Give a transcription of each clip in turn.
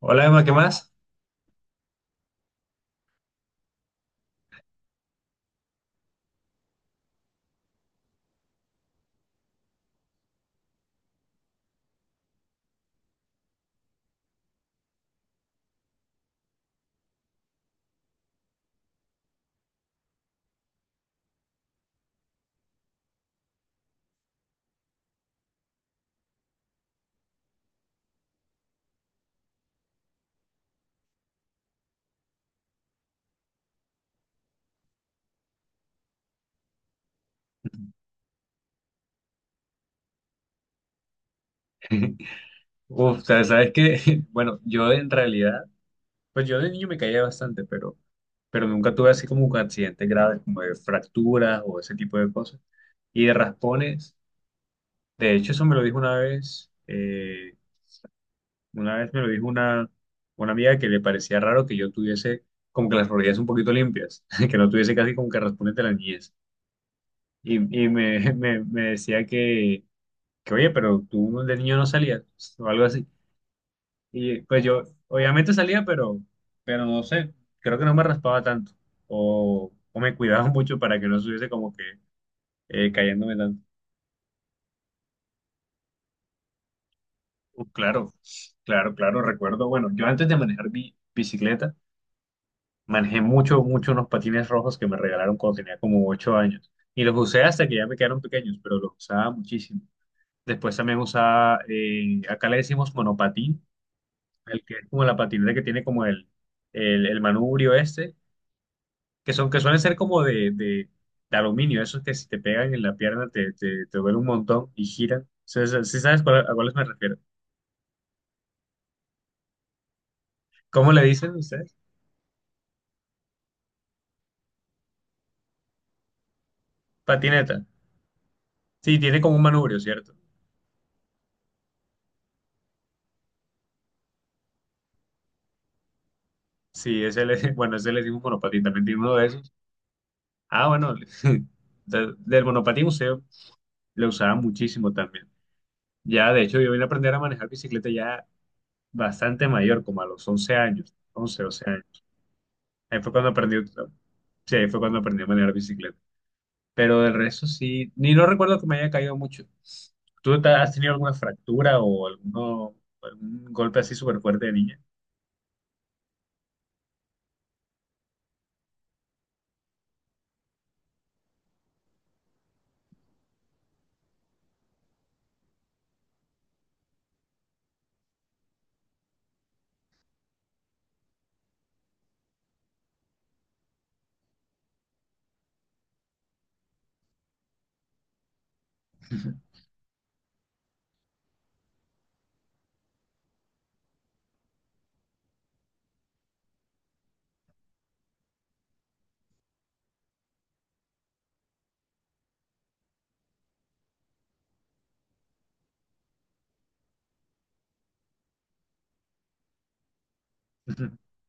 Hola Emma, ¿qué más? Uf, sabes, sabes que, bueno, yo en realidad, pues yo de niño me caía bastante, pero nunca tuve así como un accidente grave, como de fracturas o ese tipo de cosas. Y de raspones, de hecho eso me lo dijo una vez me lo dijo una amiga que le parecía raro que yo tuviese como que las rodillas un poquito limpias, que no tuviese casi como que raspones de la niñez. Y, y me decía que, oye, pero tú de niño no salías, o algo así. Y pues yo, obviamente salía, pero no sé, creo que no me raspaba tanto. O me cuidaba mucho para que no estuviese como que cayéndome tanto. Claro, claro, claro, recuerdo. Bueno, yo antes de manejar mi bicicleta, manejé mucho, mucho unos patines rojos que me regalaron cuando tenía como 8 años. Y los usé hasta que ya me quedaron pequeños, pero los usaba muchísimo. Después también usaba, acá le decimos monopatín, el que es como la patineta que tiene como el manubrio este, que suelen ser como de aluminio, esos que si te pegan en la pierna te duele un montón y giran. ¿Si sabes a cuáles me refiero? ¿Cómo le dicen ustedes? Patineta. Sí, tiene como un manubrio, ¿cierto? Sí, bueno, ese le decimos monopatín, también tiene uno de esos. Ah, bueno, del monopatín museo lo usaba muchísimo también. Ya, de hecho, yo vine a aprender a manejar bicicleta ya bastante mayor, como a los 11 años, 11 12 años. Ahí fue cuando aprendí, sí, ahí fue cuando aprendí a manejar bicicleta. Pero del resto sí, ni no recuerdo que me haya caído mucho. ¿Tú has tenido alguna fractura o algún golpe así súper fuerte de niña?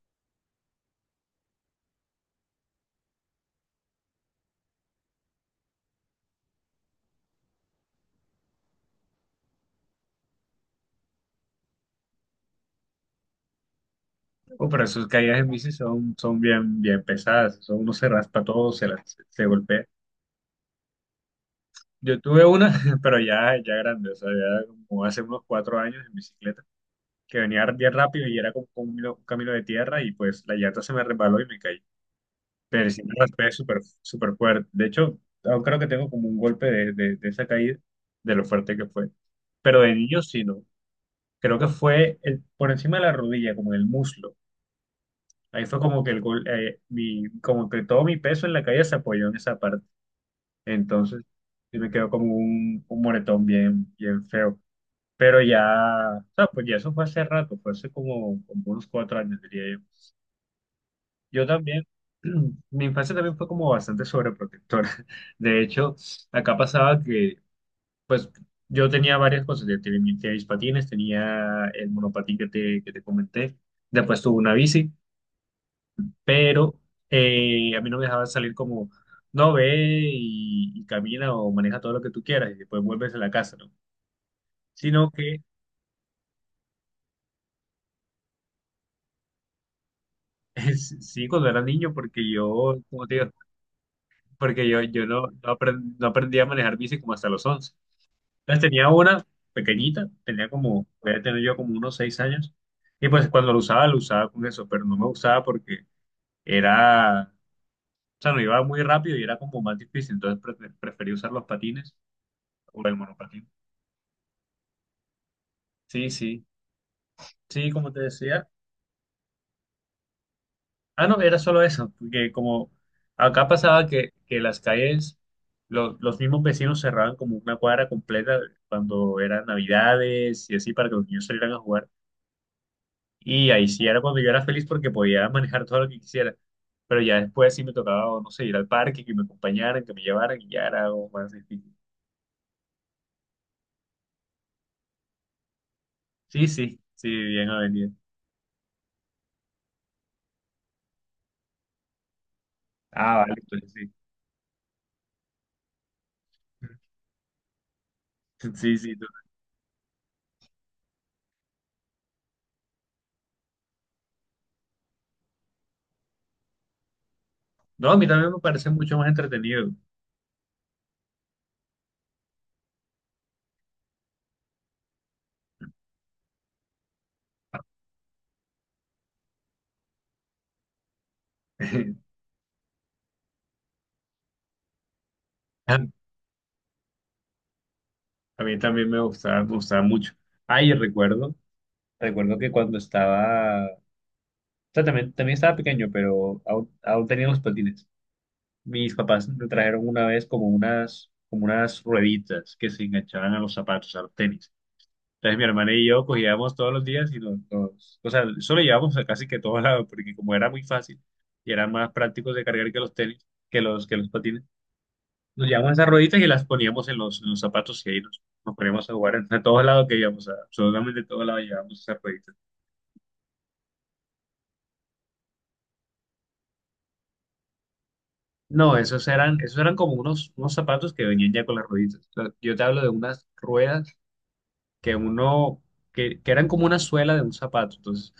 Oh, pero esas caídas en bici son bien, bien pesadas, eso uno se raspa todo, se golpea. Yo tuve una, pero ya, ya grande, o sea, ya como hace unos 4 años en bicicleta, que venía bien rápido y era como un camino de tierra y pues la llanta se me resbaló y me caí. Pero sí me raspé súper súper fuerte. De hecho, aún creo que tengo como un golpe de esa caída, de lo fuerte que fue. Pero de niño sí, no. Creo que fue el, por encima de la rodilla, como en el muslo. Ahí fue como que como que todo mi peso en la caída se apoyó en esa parte. Entonces, sí me quedó como un moretón bien, bien feo. Pero ya, o sea, pues ya eso fue hace rato, fue hace como unos 4 años, diría yo. Yo también, mi infancia también fue como bastante sobreprotectora. De hecho, acá pasaba que, pues, yo tenía varias cosas. Yo tenía mis patines, tenía el monopatín que te comenté. Después tuve una bici, pero a mí no me dejaban salir como, no, ve y camina o maneja todo lo que tú quieras y después vuelves a la casa, ¿no? Sino que, sí, cuando era niño, porque yo, como te digo, porque yo no aprendí a manejar bici como hasta los 11. Entonces tenía una pequeñita, tenía como, voy a tener yo como unos 6 años, y pues cuando lo usaba con eso, pero no me gustaba porque era, o sea, no iba muy rápido y era como más difícil, entonces preferí usar los patines o el monopatín. Sí, sí, sí, como te decía. Ah, no, era solo eso, porque como acá pasaba que las calles, los mismos vecinos cerraban como una cuadra completa cuando eran navidades y así para que los niños salieran a jugar. Y ahí sí era cuando yo era feliz porque podía manejar todo lo que quisiera. Pero ya después sí me tocaba, o no sé, ir al parque, que me acompañaran, que me llevaran, y ya era algo más difícil. Sí, sí, sí, bien avenida. Ah, vale, entonces sí. Sí, sí. No, a mí también me parece mucho más entretenido. A a mí también me gustaba, mucho. Ay, recuerdo que cuando estaba, o sea, también estaba pequeño, pero aún tenía los patines. Mis papás me trajeron una vez como unas rueditas que se enganchaban a los zapatos, a los tenis. Entonces mi hermana y yo cogíamos todos los días y o sea, eso lo llevábamos a casi que todos lados, porque como era muy fácil y era más práctico de cargar que los tenis, que los patines, nos llevábamos esas rueditas y las poníamos en en los zapatos y ahí nos poníamos a jugar a todos lados que íbamos, a, absolutamente a todos lados llevábamos esas rueditas. No, esos eran como unos zapatos que venían ya con las rueditas. O sea, yo te hablo de unas ruedas que uno, que eran como una suela de un zapato. Entonces,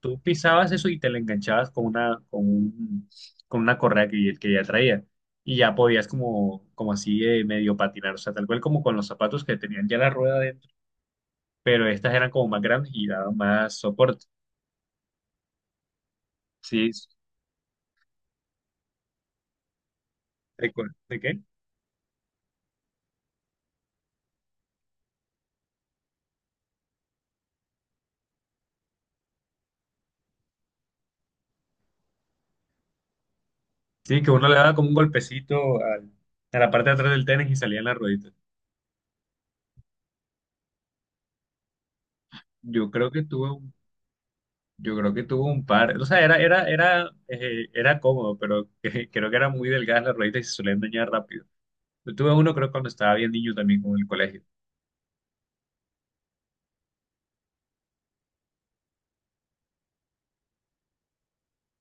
tú pisabas eso y te la enganchabas con una correa que ya traía. Y ya podías como así medio patinar, o sea, tal cual como con los zapatos que tenían ya la rueda dentro, pero estas eran como más grandes y daban más soporte. Sí, recuerdo. ¿De qué? Sí, que uno le daba como un golpecito a la parte de atrás del tenis y salían las rueditas. Yo creo que tuve Yo creo que tuvo un par, o sea, era cómodo, pero creo que era muy delgadas la rueditas y se suelen dañar rápido. Yo tuve uno, creo, cuando estaba bien niño también, como en el colegio.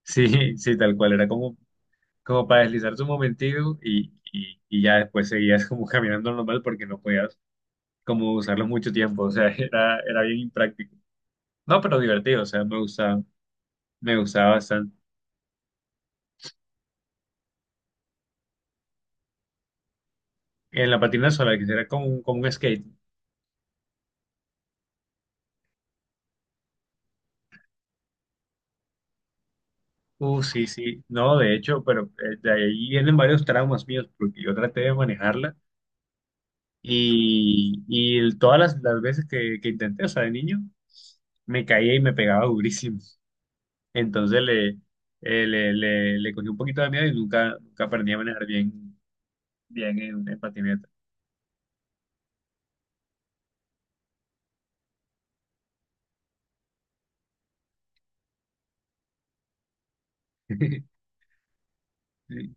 Sí, sí, tal cual, era como para deslizarse un momentito ya después seguías como caminando normal porque no podías como usarlo mucho tiempo, o sea, era bien impráctico. No, pero divertido, o sea, me gustaba bastante. En la patina sola, que era como un skate. Sí, sí, no, de hecho, pero de ahí vienen varios traumas míos, porque yo traté de manejarla todas las veces que intenté, o sea, de niño, me caía y me pegaba durísimo. Entonces le cogí un poquito de miedo y nunca, nunca aprendí a manejar bien, bien en patineta. Sí,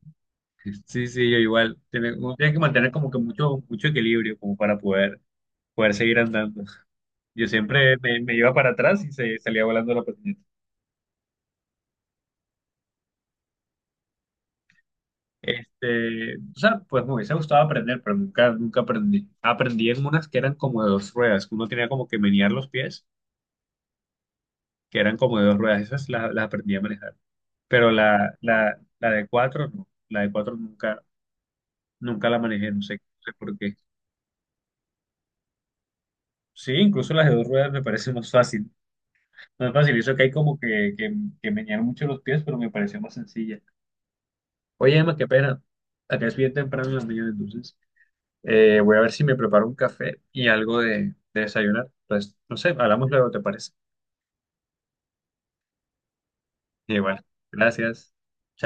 sí, sí, yo igual. Uno tiene que mantener como que mucho, mucho equilibrio como para poder seguir andando. Yo siempre me iba para atrás y salía volando la patineta. Este, o sea, pues me hubiese gustado aprender, pero nunca, nunca aprendí. Aprendí en unas que eran como de dos ruedas, que uno tenía como que menear los pies, que eran como de dos ruedas, esas las aprendí a manejar. Pero la de cuatro, no, la de cuatro nunca, nunca la manejé, no sé, no sé por qué. Sí, incluso las de dos ruedas me parece más fácil, eso que hay como que menear mucho los pies, pero me pareció más sencilla. Oye, Emma, qué pena, acá es bien temprano en la mañana, entonces. Voy a ver si me preparo un café y algo de desayunar. Entonces, no sé, hablamos luego, ¿te parece? Y bueno, gracias. Chao.